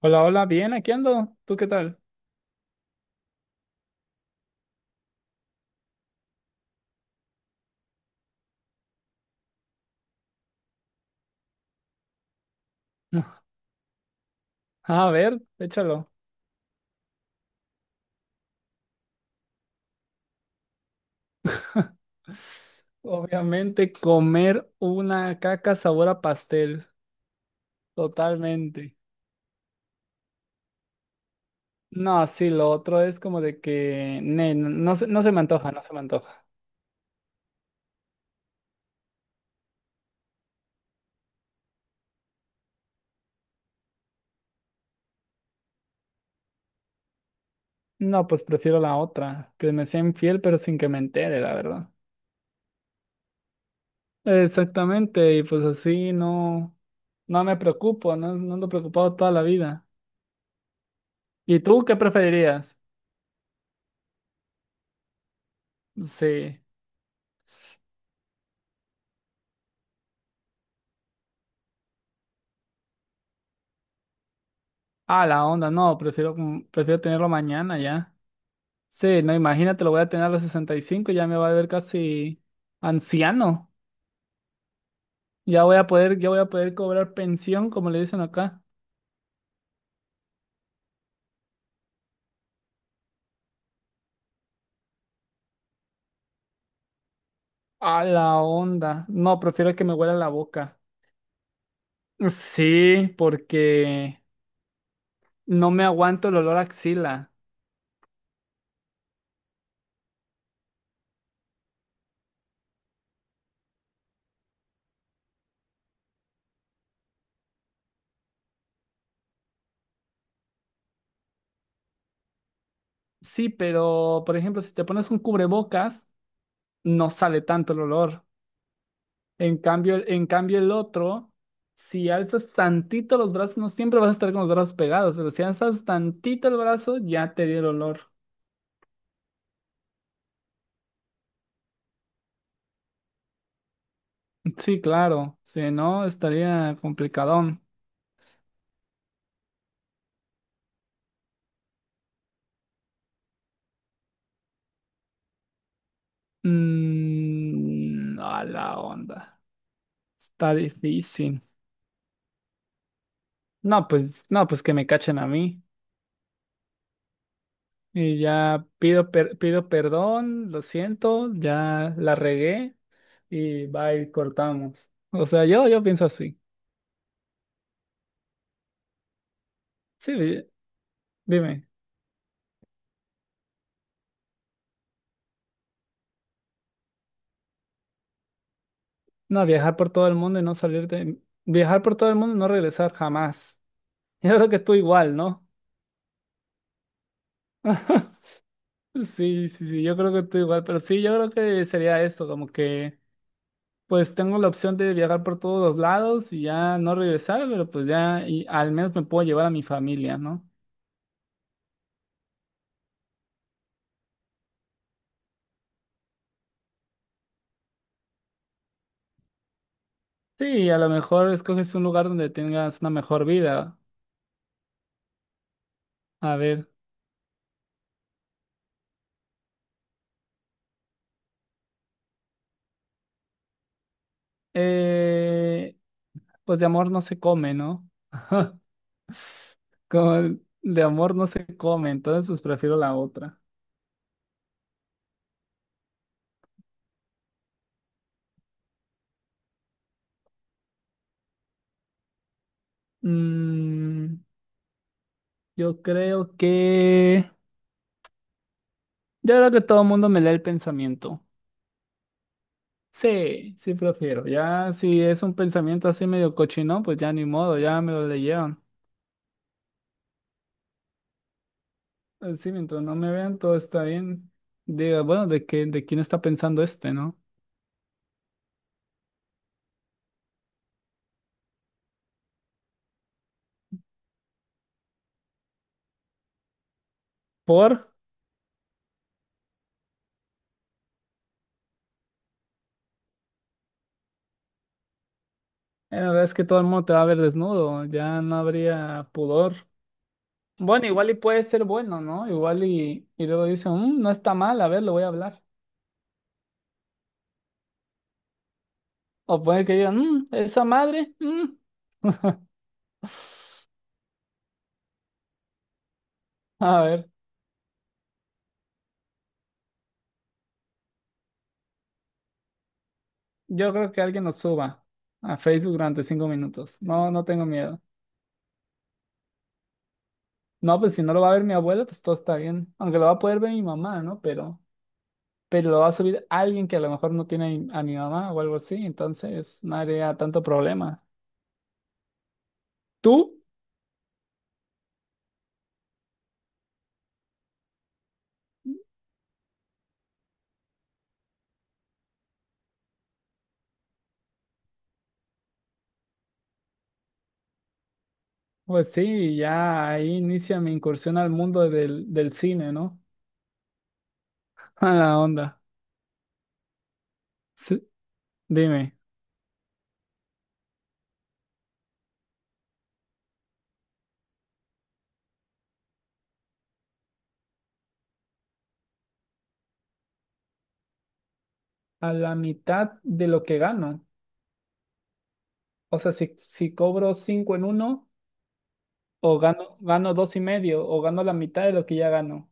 Hola, hola, bien, aquí ando. ¿Tú qué tal? A ver, échalo. Obviamente, comer una caca sabor a pastel. Totalmente. No, sí, lo otro es como de que ne, no, no se, no se me antoja, no se me antoja. No, pues prefiero la otra, que me sea infiel, pero sin que me entere, la verdad. Exactamente, y pues así no, no me preocupo, no, no ando preocupado toda la vida. ¿Y tú qué preferirías? Sí. Ah, la onda, no, prefiero, prefiero tenerlo mañana ya. Sí, no, imagínate, lo voy a tener a los 65, ya me va a ver casi anciano. Ya voy a poder, ya voy a poder cobrar pensión, como le dicen acá. A la onda. No, prefiero que me huela la boca. Sí, porque no me aguanto el olor a axila. Sí, pero, por ejemplo, si te pones un cubrebocas, no sale tanto el olor. En cambio el otro, si alzas tantito los brazos, no siempre vas a estar con los brazos pegados, pero si alzas tantito el brazo, ya te dio el olor. Sí, claro, si no, estaría complicadón. Mm, a la onda. Está difícil. No, pues, no, pues que me cachen a mí. Y ya pido, pido perdón, lo siento, ya la regué y va y cortamos. O sea, yo pienso así. Sí, dime. No, viajar por todo el mundo y no salir de... Viajar por todo el mundo y no regresar jamás. Yo creo que tú igual, ¿no? Sí, sí, sí, yo creo que tú igual, pero sí, yo creo que sería esto, como que pues tengo la opción de viajar por todos los lados y ya no regresar, pero pues ya y al menos me puedo llevar a mi familia, ¿no? Sí, a lo mejor escoges un lugar donde tengas una mejor vida. A ver, eh, pues de amor no se come, ¿no? Como de amor no se come, entonces pues prefiero la otra. Mm, yo creo que... Yo creo que todo el mundo me lee el pensamiento. Sí, sí prefiero. Ya si es un pensamiento así medio cochino, pues ya ni modo, ya me lo leyeron. Sí, mientras no me vean, todo está bien. Diga, bueno, ¿de qué, de quién está pensando este, no? Por... la verdad es que todo el mundo te va a ver desnudo, ya no habría pudor. Bueno, igual y puede ser bueno, ¿no? Igual y luego dicen, "Mm, no está mal, a ver, lo voy a hablar". O puede que digan, "Mm, esa madre, mm". A ver, yo creo que alguien nos suba a Facebook durante 5 minutos. No, no tengo miedo. No, pues si no lo va a ver mi abuela, pues todo está bien. Aunque lo va a poder ver mi mamá, ¿no? Pero lo va a subir alguien que a lo mejor no tiene a mi mamá o algo así. Entonces, no haría tanto problema. ¿Tú? Pues sí, ya ahí inicia mi incursión al mundo del cine, ¿no? A la onda. Sí, dime, a la mitad de lo que gano. O sea, si cobro cinco en uno. O gano, gano dos y medio, o gano la mitad de lo que ya gano.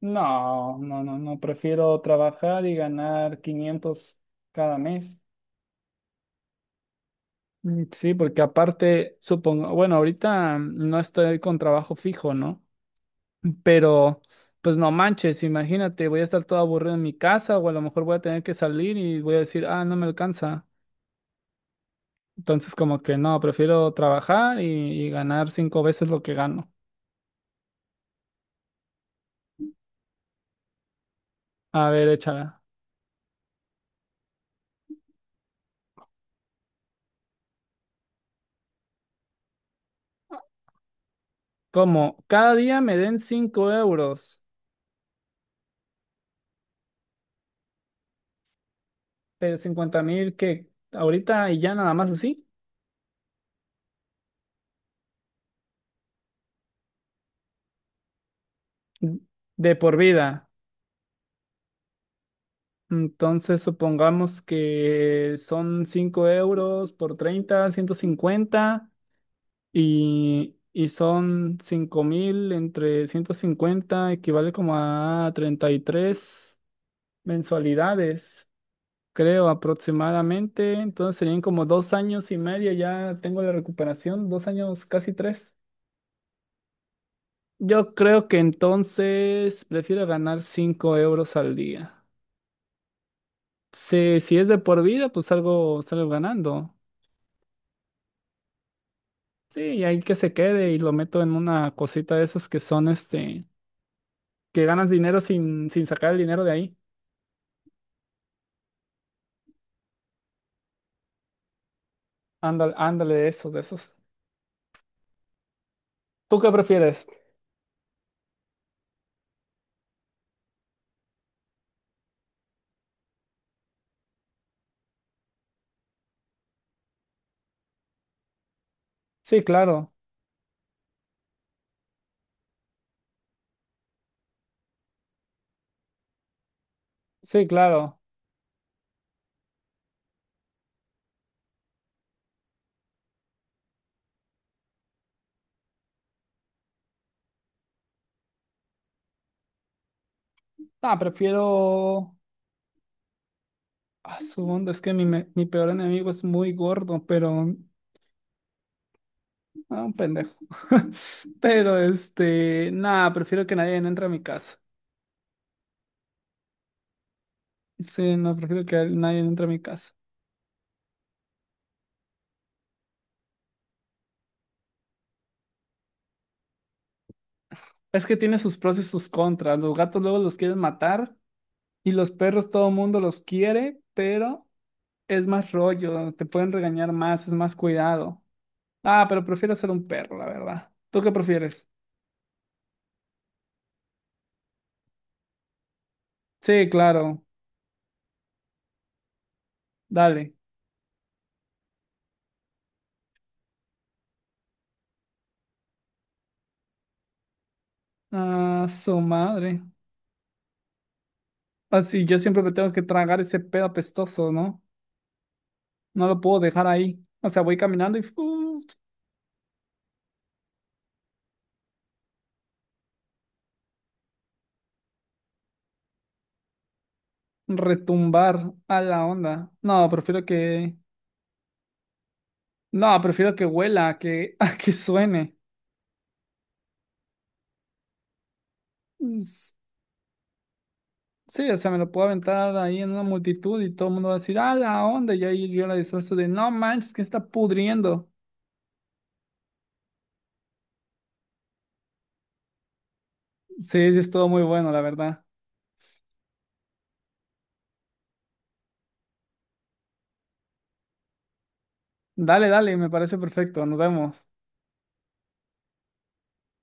No, no, no, no, prefiero trabajar y ganar 500 cada mes. Mm, sí, porque aparte, supongo, bueno, ahorita no estoy con trabajo fijo, ¿no? Pero, pues no manches, imagínate, voy a estar todo aburrido en mi casa o a lo mejor voy a tener que salir y voy a decir, ah, no me alcanza. Entonces, como que no, prefiero trabajar y ganar cinco veces lo que gano. A ver, échala. Como cada día me den 5 euros, pero 50.000 que ahorita y ya nada más así, de por vida. Entonces supongamos que son 5 € por 30 150 y son 5.000 entre 150 equivale como a 33 mensualidades, creo aproximadamente. Entonces serían como 2 años y medio, ya tengo la recuperación, 2 años, casi tres. Yo creo que entonces prefiero ganar 5 € al día. Si es de por vida, pues salgo, salgo ganando. Sí, y ahí que se quede y lo meto en una cosita de esas que son este, que ganas dinero sin sacar el dinero de ahí. Ándale, ándale, de esos, de esos. ¿Tú qué prefieres? Sí, claro, sí, claro. Ah, prefiero... Ah, su onda, es que mi peor enemigo es muy gordo, pero ah, un pendejo. Pero este, nada, prefiero que nadie entre a mi casa. Sí, no, prefiero que nadie entre a mi casa. Es que tiene sus pros y sus contras. Los gatos luego los quieren matar y los perros todo el mundo los quiere, pero es más rollo, te pueden regañar más, es más cuidado. Ah, pero prefiero ser un perro, la verdad. ¿Tú qué prefieres? Sí, claro, dale. Ah, su madre. Así yo siempre me tengo que tragar ese pedo apestoso, ¿no? No lo puedo dejar ahí. O sea, voy caminando y ¡fu! Retumbar a la onda. No, prefiero que huela, a que, a que suene. Es- Sí, o sea, me lo puedo aventar ahí en una multitud y todo el mundo va a decir, a la onda. Y ahí yo la disfrazo de, no manches, que está pudriendo. Sí, sí, es todo muy bueno, la verdad. Dale, dale, me parece perfecto. Nos vemos.